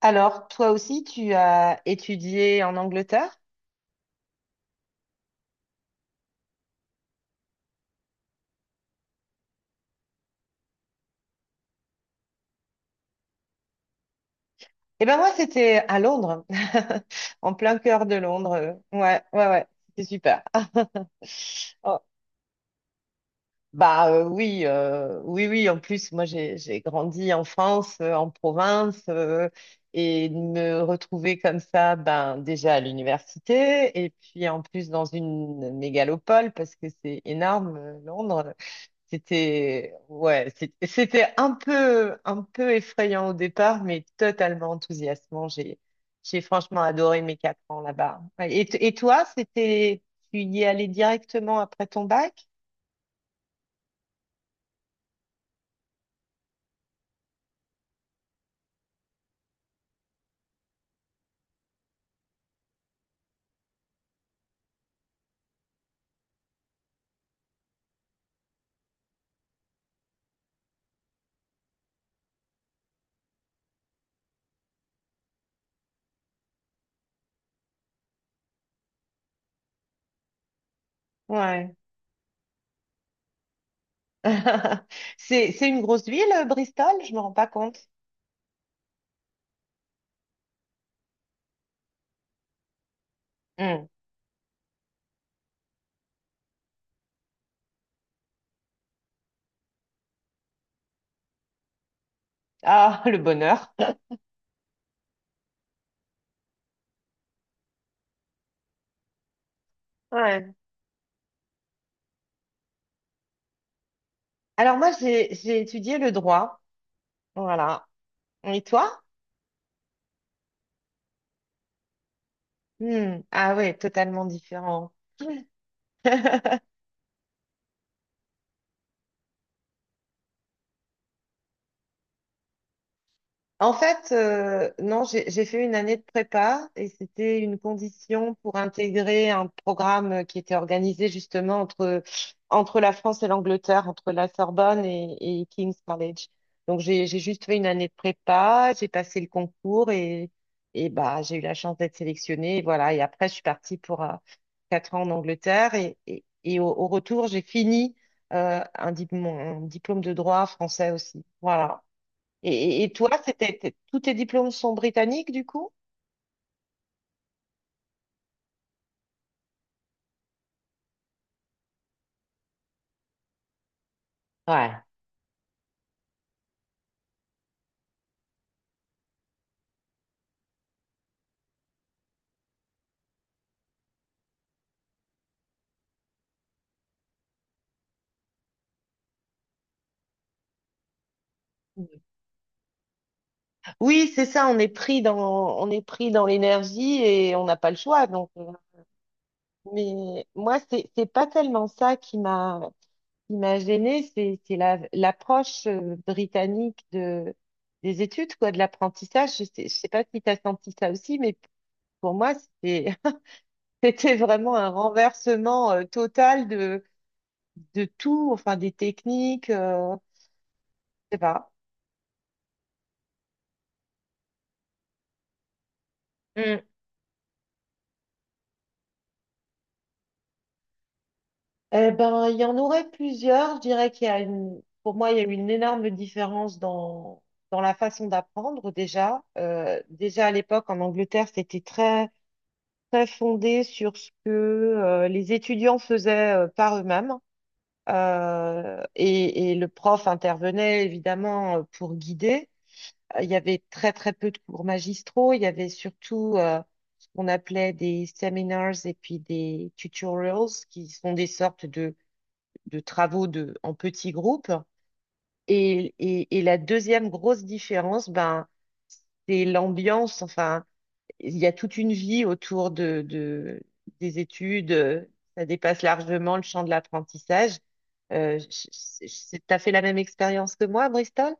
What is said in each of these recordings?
Alors, toi aussi, tu as étudié en Angleterre? Eh ben moi, c'était à Londres, en plein cœur de Londres. Ouais, ouais, ouais, c'était super. Oh, bah oui, oui, oui. En plus, moi, j'ai grandi en France, en province, et de me retrouver comme ça, ben déjà à l'université, et puis en plus dans une mégalopole parce que c'est énorme, Londres. C'était ouais, c'était un peu effrayant au départ, mais totalement enthousiasmant. J'ai franchement adoré mes quatre ans là-bas. Ouais. Et, et toi, c'était tu y es allé directement après ton bac? Ouais. C'est une grosse ville, Bristol, je me rends pas compte. Hmm. Ah, le bonheur. Ouais. Alors moi, j'ai étudié le droit. Voilà. Et toi? Hmm. Ah ouais, totalement différent. En fait, non, j'ai fait une année de prépa et c'était une condition pour intégrer un programme qui était organisé justement entre, entre la France et l'Angleterre, entre la Sorbonne et King's College. Donc j'ai juste fait une année de prépa, j'ai passé le concours et bah, j'ai eu la chance d'être sélectionnée. Et voilà, et après je suis partie pour quatre ans en Angleterre et au, au retour j'ai fini un, un diplôme de droit français aussi. Voilà. Et toi, c'était, tous tes diplômes sont britanniques du coup? Ouais. Oui, c'est ça, on est pris dans, on est pris dans l'énergie et on n'a pas le choix. Donc, mais moi, c'est pas tellement ça qui m'a gênée, c'est la, l'approche britannique de, des études, quoi, de l'apprentissage. Je sais pas si tu as senti ça aussi, mais pour moi, c'était, c'était vraiment un renversement total de tout, enfin, des techniques, je sais pas. Eh ben, il y en aurait plusieurs. Je dirais qu'il y a une, pour moi, il y a eu une énorme différence dans, dans la façon d'apprendre déjà. Déjà à l'époque, en Angleterre, c'était très, très fondé sur ce que les étudiants faisaient par eux-mêmes. Et le prof intervenait évidemment pour guider. Il y avait très, très peu de cours magistraux. Il y avait surtout ce qu'on appelait des seminars et puis des tutorials, qui sont des sortes de travaux de, en petits groupes. Et la deuxième grosse différence, ben, c'est l'ambiance. Enfin, il y a toute une vie autour de, des études. Ça dépasse largement le champ de l'apprentissage. Euh, je- je- t'as fait la même expérience que moi à Bristol?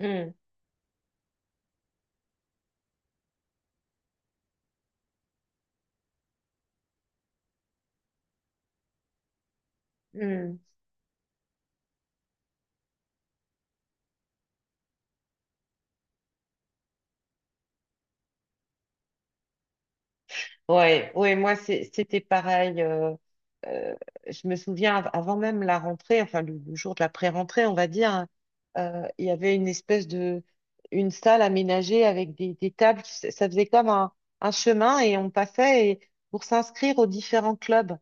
Hmm, hmm. Ouais, ouais, moi c'était pareil. Euh, je me souviens avant même la rentrée, enfin le jour de la pré-rentrée, on va dire, hein, il y avait une espèce de une salle aménagée avec des tables. Ça faisait comme un chemin et on passait et, pour s'inscrire aux différents clubs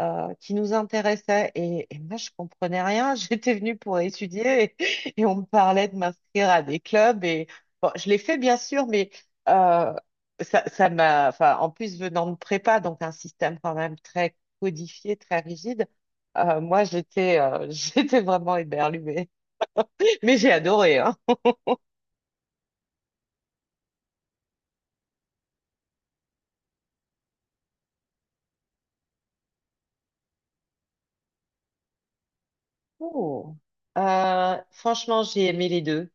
qui nous intéressait. Et moi, je comprenais rien. J'étais venue pour étudier et on me parlait de m'inscrire à des clubs. Et bon, je l'ai fait, bien sûr, mais euh, ça, ça m'a, enfin, en plus, venant de prépa, donc un système quand même très codifié, très rigide, moi, j'étais j'étais vraiment éberluée. Mais j'ai adoré, hein. Oh. Franchement, j'ai aimé les deux.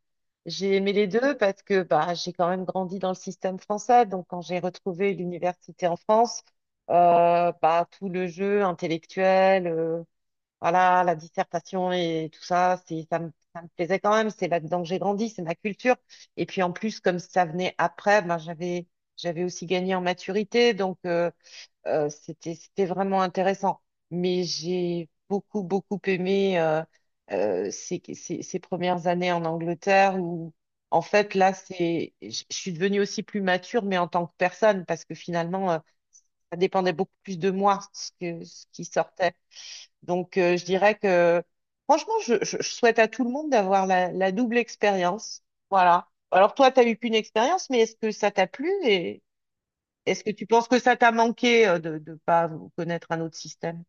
J'ai aimé les deux parce que bah, j'ai quand même grandi dans le système français. Donc, quand j'ai retrouvé l'université en France, bah, tout le jeu intellectuel, voilà, la dissertation et tout ça, c'est, ça me plaisait quand même. C'est là-dedans que j'ai grandi, c'est ma culture. Et puis, en plus, comme ça venait après, ben j'avais, j'avais aussi gagné en maturité. Donc, c'était, c'était vraiment intéressant. Mais j'ai beaucoup, beaucoup aimé ces, ces, ces premières années en Angleterre où, en fait, là, c'est, je suis devenue aussi plus mature, mais en tant que personne, parce que finalement, ça dépendait beaucoup plus de moi, ce que, ce qui sortait. Donc, je dirais que, franchement, je, je souhaite à tout le monde d'avoir la, la double expérience. Voilà. Alors, toi, tu n'as eu qu'une expérience, mais est-ce que ça t'a plu est-ce que tu penses que ça t'a manqué de ne pas connaître un autre système?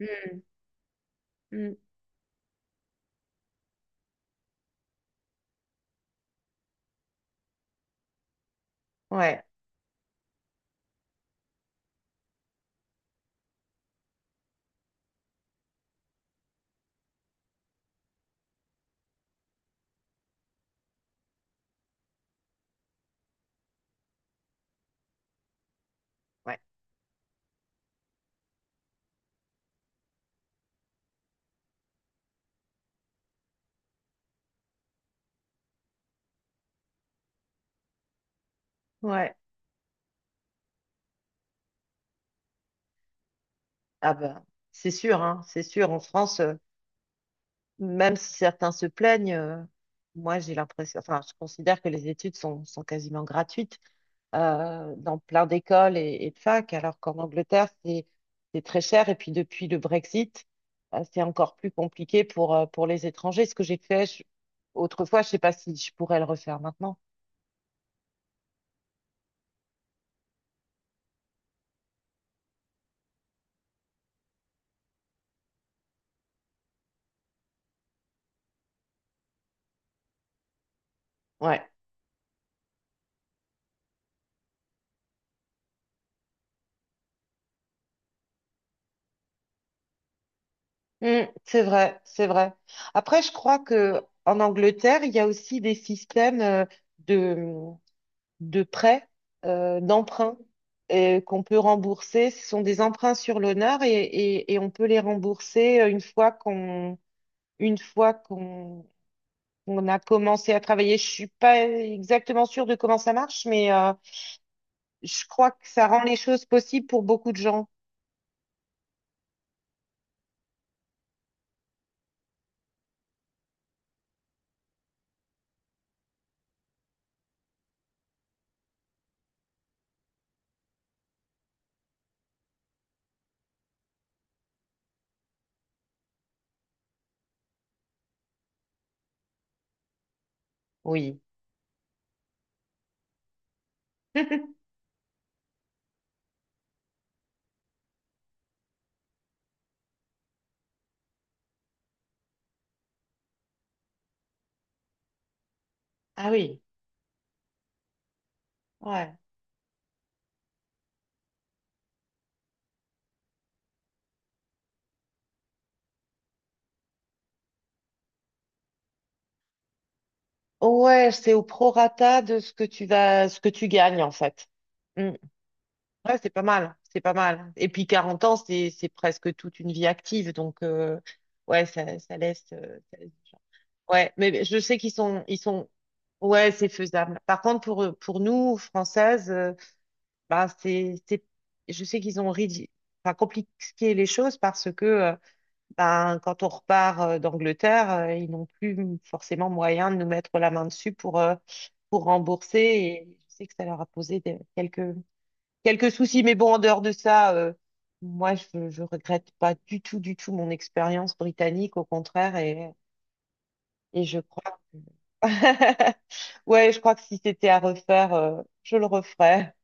Mm, mm. Ouais, ouais, ouais. Ah ben, c'est sûr, hein, c'est sûr. En France, même si certains se plaignent, moi j'ai l'impression, enfin, je considère que les études sont, sont quasiment gratuites. Dans plein d'écoles et de facs, alors qu'en Angleterre, c'est très cher. Et puis depuis le Brexit, c'est encore plus compliqué pour les étrangers. Ce que j'ai fait autrefois, je sais pas si je pourrais le refaire maintenant. Ouais, mm, c'est vrai, c'est vrai. Après, je crois que en Angleterre, il y a aussi des systèmes de, de prêts, d'emprunts et qu'on peut rembourser. Ce sont des emprunts sur l'honneur et on peut les rembourser une fois qu'on qu'on a commencé à travailler. Je suis pas exactement sûre de comment ça marche, mais je crois que ça rend les choses possibles pour beaucoup de gens. Oui. Ah oui. Ouais. Ouais, c'est au prorata de ce que tu vas, ce que tu gagnes en fait. Mm. Ouais, c'est pas mal, c'est pas mal. Et puis 40 ans, c'est presque toute une vie active, donc ouais, ça laisse. Ouais, mais je sais qu'ils sont ils sont. Ouais, c'est faisable. Par contre, pour nous Françaises. Bah, je sais qu'ils ont enfin, compliqué les choses parce que ben, quand on repart d'Angleterre, ils n'ont plus forcément moyen de nous mettre la main dessus pour rembourser. Et je sais que ça leur a posé quelques, quelques soucis. Mais bon, en dehors de ça, moi, je ne regrette pas du tout, du tout mon expérience britannique, au contraire. Et je crois que... Ouais, je crois que si c'était à refaire, je le referais.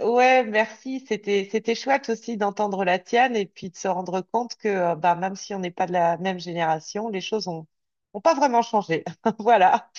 Ouais, merci. C'était chouette aussi d'entendre la tienne et puis de se rendre compte que bah, même si on n'est pas de la même génération, les choses ont, ont pas vraiment changé. Voilà.